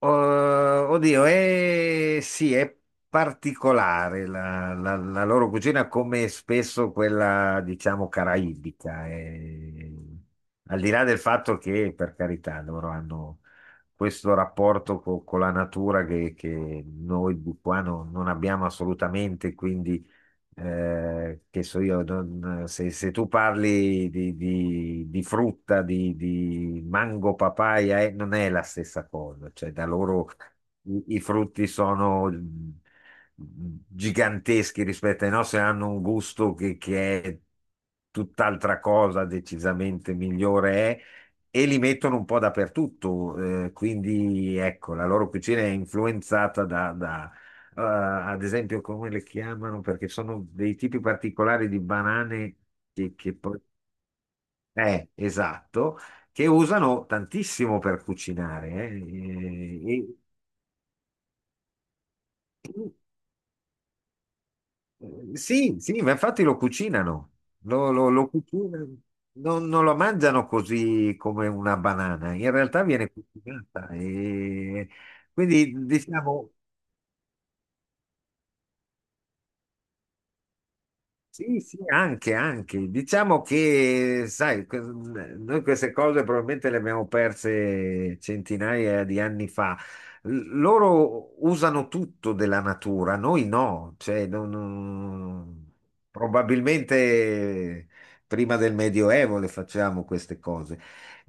Oh, oddio, sì, è particolare la loro cucina, come spesso quella, diciamo, caraibica. E al di là del fatto che, per carità, loro hanno questo rapporto con la natura che noi di qua non abbiamo assolutamente, quindi che so io, se tu parli di, di frutta, di mango, papaya, non è la stessa cosa, cioè da loro i frutti sono giganteschi rispetto ai nostri, hanno un gusto che è tutt'altra cosa, decisamente migliore e li mettono un po' dappertutto, quindi ecco, la loro cucina è influenzata da, eh, ad esempio, come le chiamano, perché sono dei tipi particolari di banane che poi... esatto, che usano tantissimo per cucinare. E- Sì, sì, ma infatti lo cucinano, lo cucinano, non lo mangiano così come una banana, in realtà viene cucinata. E quindi diciamo, sì, sì, anche, anche. Diciamo che, sai, noi queste cose probabilmente le abbiamo perse centinaia di anni fa. Loro usano tutto della natura, noi no. Cioè, probabilmente prima del Medioevo le facciamo queste cose.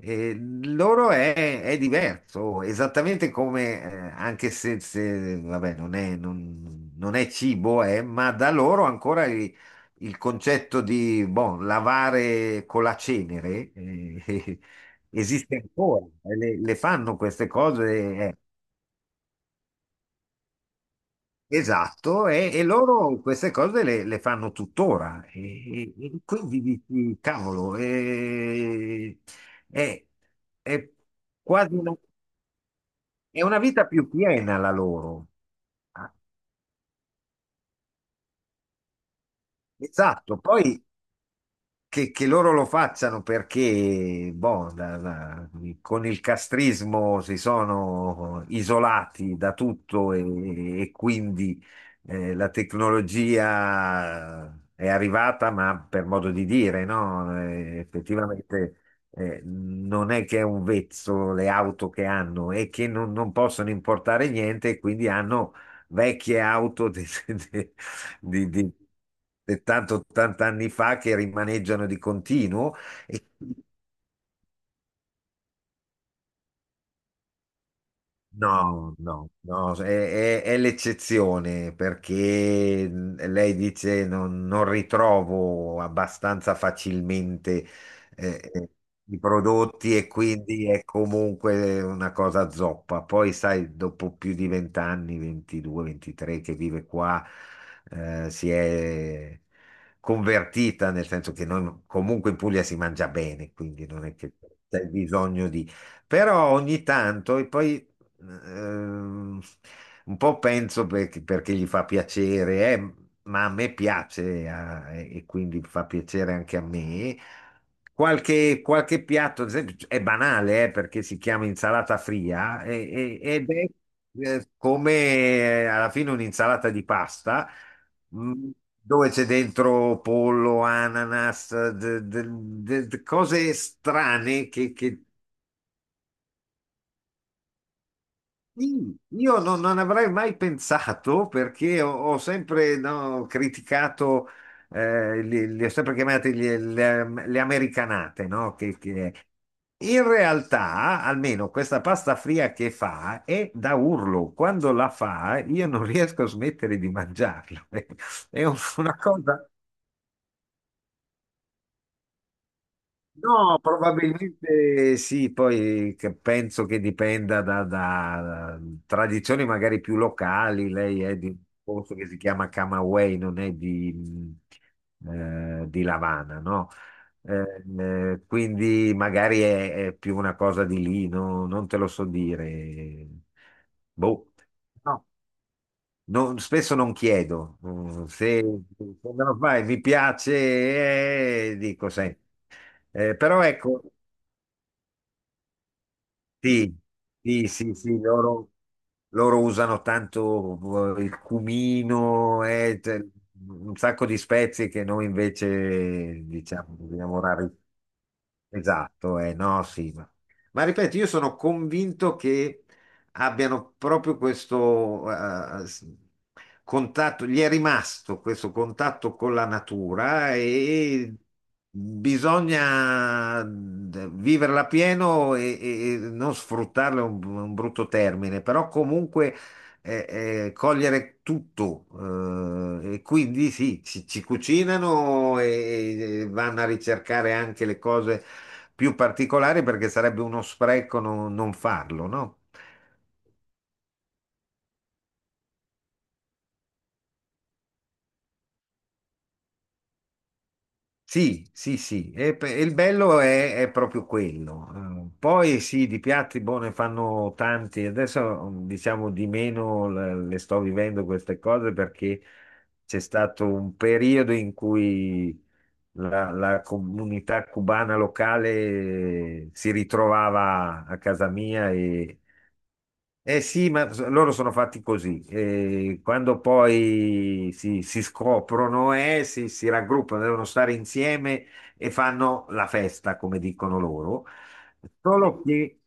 E loro è diverso, esattamente come, anche se, vabbè, non è cibo, ma da loro ancora il concetto di boh, lavare con la cenere, esiste ancora, e le fanno queste cose. Eh, esatto. E loro queste cose le fanno tuttora. E quindi dici, cavolo. Eh, eh, è, è quasi una, è una vita più piena la loro. Ah, Esatto, poi che loro lo facciano perché boh, con il castrismo si sono isolati da tutto e quindi la tecnologia è arrivata, ma per modo di dire, no? Effettivamente. Non è che è un vezzo le auto che hanno, è che non possono importare niente e quindi hanno vecchie auto de- di 70-80 anni fa che rimaneggiano di continuo. E no, no, no, è l'eccezione perché lei dice non ritrovo abbastanza facilmente eh, eh, i prodotti e quindi è comunque una cosa zoppa. Poi sai, dopo più di 20 anni, 22, 23 che vive qua, si è convertita nel senso che noi comunque in Puglia si mangia bene, quindi non è che c'è bisogno di... Però ogni tanto, e poi ehm, un po' penso perché gli fa piacere, ma a me piace, e quindi fa piacere anche a me. Qualche piatto, ad esempio, è banale, perché si chiama insalata fria, ed è come alla fine un'insalata di pasta, mh, dove c'è dentro pollo, ananas, cose strane che Sì, io non avrei mai pensato perché ho sempre no, criticato, li ho sempre chiamati le americanate, no? In realtà, almeno questa pasta fria che fa è da urlo. Quando la fa, io non riesco a smettere di mangiarla. È una cosa. No, probabilmente sì, poi che penso che dipenda da tradizioni magari più locali. Lei è di un posto che si chiama Camagüey, non è di, di La Habana, no? Eh, quindi magari è più una cosa di lì, no? Non te lo so dire. Boh. No, spesso non chiedo. Se me lo fai, mi piace, dico sempre. Però ecco, sì, sì, sì, sì, loro, usano tanto il cumino e un sacco di spezie che noi invece diciamo dobbiamo rari. Esatto, no, sì, ma ripeto, io sono convinto che abbiano proprio questo contatto, gli è rimasto questo contatto con la natura e bisogna viverla pieno e non sfruttarla, è un brutto termine, però comunque eh, cogliere tutto. E quindi sì, ci cucinano e vanno a ricercare anche le cose più particolari perché sarebbe uno spreco non farlo, no? Sì, sì, sì, e il bello è proprio quello. Poi sì, di piatti buoni ne fanno tanti, adesso diciamo di meno le sto vivendo queste cose perché c'è stato un periodo in cui la comunità cubana locale si ritrovava a casa mia. Eh sì, ma loro sono fatti così. Quando poi si scoprono e si raggruppano, devono stare insieme e fanno la festa, come dicono loro. Solo che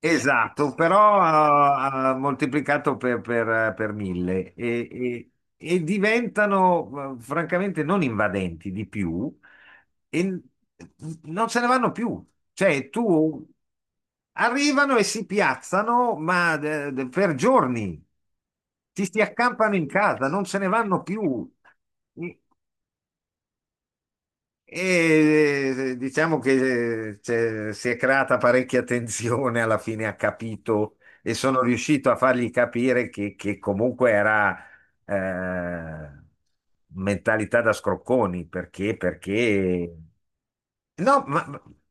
esatto, però ha moltiplicato per mille, e diventano francamente non invadenti di più e non se ne vanno più. Cioè, tu arrivano e si piazzano, ma per giorni ti si accampano in casa, non se ne vanno più. Diciamo che si è creata parecchia tensione, alla fine ha capito e sono riuscito a fargli capire che, comunque era eh, mentalità da scrocconi. Perché No, ma,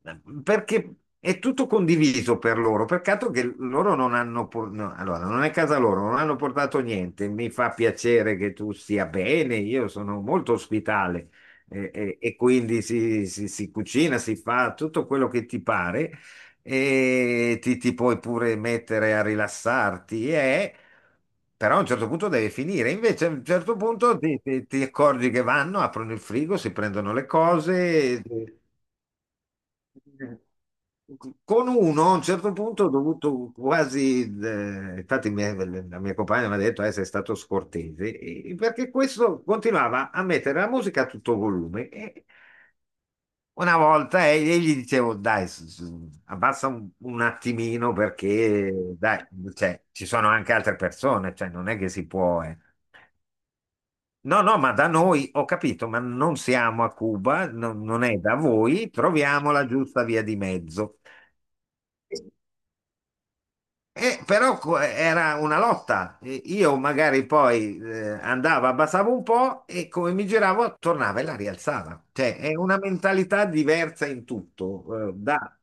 perché è tutto condiviso per loro, peccato che loro non hanno, no, allora, non è casa loro, non hanno portato niente, mi fa piacere che tu stia bene, io sono molto ospitale. E quindi si cucina, si fa tutto quello che ti pare e ti puoi pure mettere a rilassarti, però a un certo punto deve finire, invece a un certo punto ti accorgi che vanno, aprono il frigo, si prendono le cose. Con uno a un certo punto ho dovuto quasi, infatti la mia compagna mi ha detto, sei stato scortese, perché questo continuava a mettere la musica a tutto volume. E una volta e gli dicevo, dai, abbassa un attimino perché, dai, cioè, ci sono anche altre persone, cioè, non è che si può... No, no, ma da noi ho capito, ma non siamo a Cuba, non è da voi, troviamo la giusta via di mezzo. Però era una lotta. E io magari poi andavo, abbassavo un po' e come mi giravo tornava e la rialzava. Cioè, è una mentalità diversa in tutto, da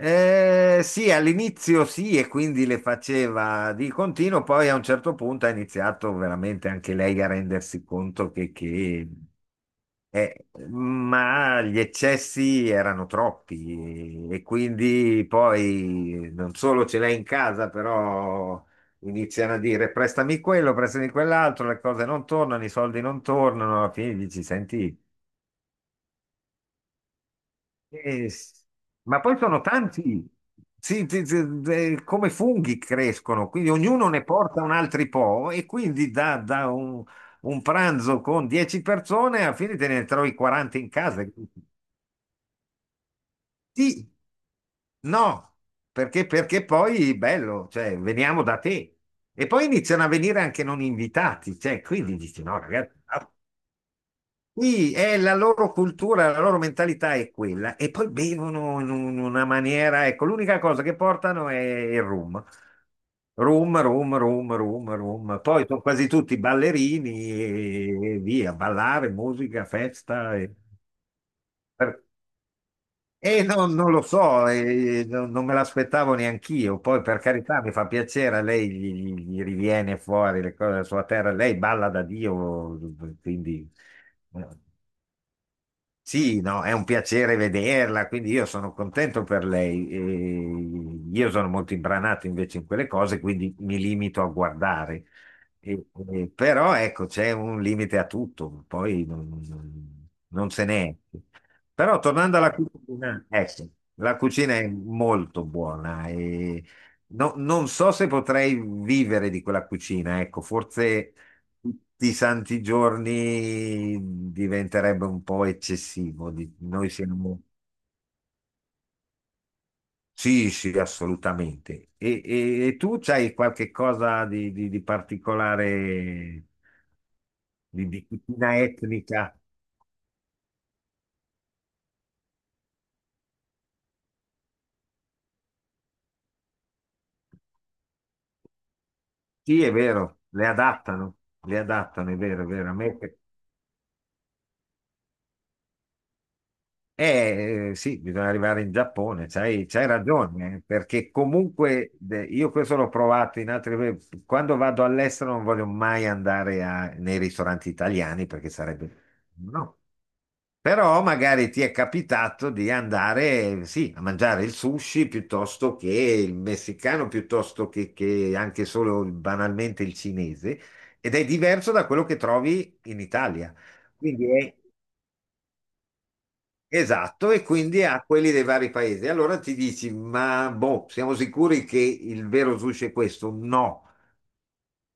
Sì, all'inizio sì, e quindi le faceva di continuo, poi a un certo punto ha iniziato veramente anche lei a rendersi conto che ma gli eccessi erano troppi e quindi poi non solo ce l'hai in casa, però iniziano a dire prestami quello, prestami quell'altro, le cose non tornano, i soldi non tornano, alla fine dici, senti. Eh, s- ma poi sono tanti, sì, sì, sì, come funghi crescono, quindi ognuno ne porta un altro po' e quindi da un, pranzo con 10 persone alla fine te ne trovi 40 in casa. Sì, no, perché poi bello, cioè veniamo da te. E poi iniziano a venire anche non invitati, cioè, quindi dici no ragazzi, no, sì, è la loro cultura, la loro mentalità è quella e poi bevono in una maniera, ecco, l'unica cosa che portano è il rum. Rum, rum, rum, rum, rum. Poi sono quasi tutti ballerini e via, ballare, musica, festa. Per- e non lo so, e non me l'aspettavo neanch'io. Poi per carità mi fa piacere, a lei gli riviene fuori le cose della sua terra, lei balla da Dio, quindi... eh. Sì, no, è un piacere vederla, quindi io sono contento per lei. E io sono molto imbranato invece in quelle cose, quindi mi limito a guardare. E- Però ecco, c'è un limite a tutto, poi non se n'è. Però tornando alla cucina, ecco, la cucina è molto buona e non so se potrei vivere di quella cucina, ecco, forse tutti i santi giorni diventerebbe un po' eccessivo. Noi siamo... Sì, sì, assolutamente. E tu c'hai qualche cosa di, di particolare, di cucina etnica? Sì, è vero, le adattano, è vero, è vero. A me sì, bisogna arrivare in Giappone, c'hai ragione, perché comunque io questo l'ho provato in altri... Quando vado all'estero non voglio mai andare nei ristoranti italiani perché sarebbe... No. Però magari ti è capitato di andare, sì, a mangiare il sushi piuttosto che il messicano, piuttosto che anche solo banalmente il cinese, ed è diverso da quello che trovi in Italia. Quindi è Esatto, e quindi a quelli dei vari paesi. Allora ti dici, ma boh, siamo sicuri che il vero sushi è questo? No,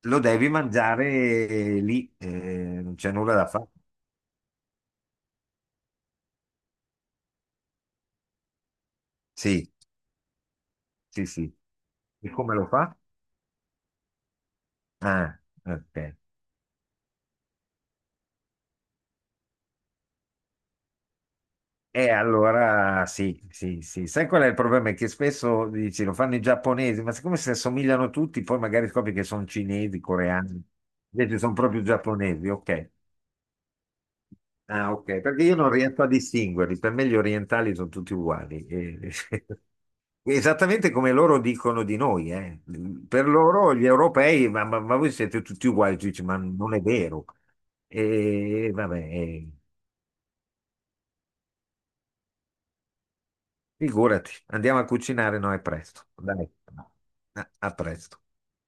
lo devi mangiare lì, non c'è nulla da fare. Sì, sì, sì. E come lo fa? Ah, ok. E allora sì, sì, sì. Sai qual è il problema? È che spesso dici, lo fanno i giapponesi, ma siccome si assomigliano tutti, poi magari scopri che sono cinesi, coreani, invece sono proprio giapponesi, ok. Ah, ok, perché io non riesco a distinguerli, per me gli orientali sono tutti uguali. Esattamente come loro dicono di noi, eh. Per loro gli europei, ma voi siete tutti uguali, tu dici, ma non è vero. E vabbè, figurati, andiamo a cucinare, no, è presto. Dai, a presto.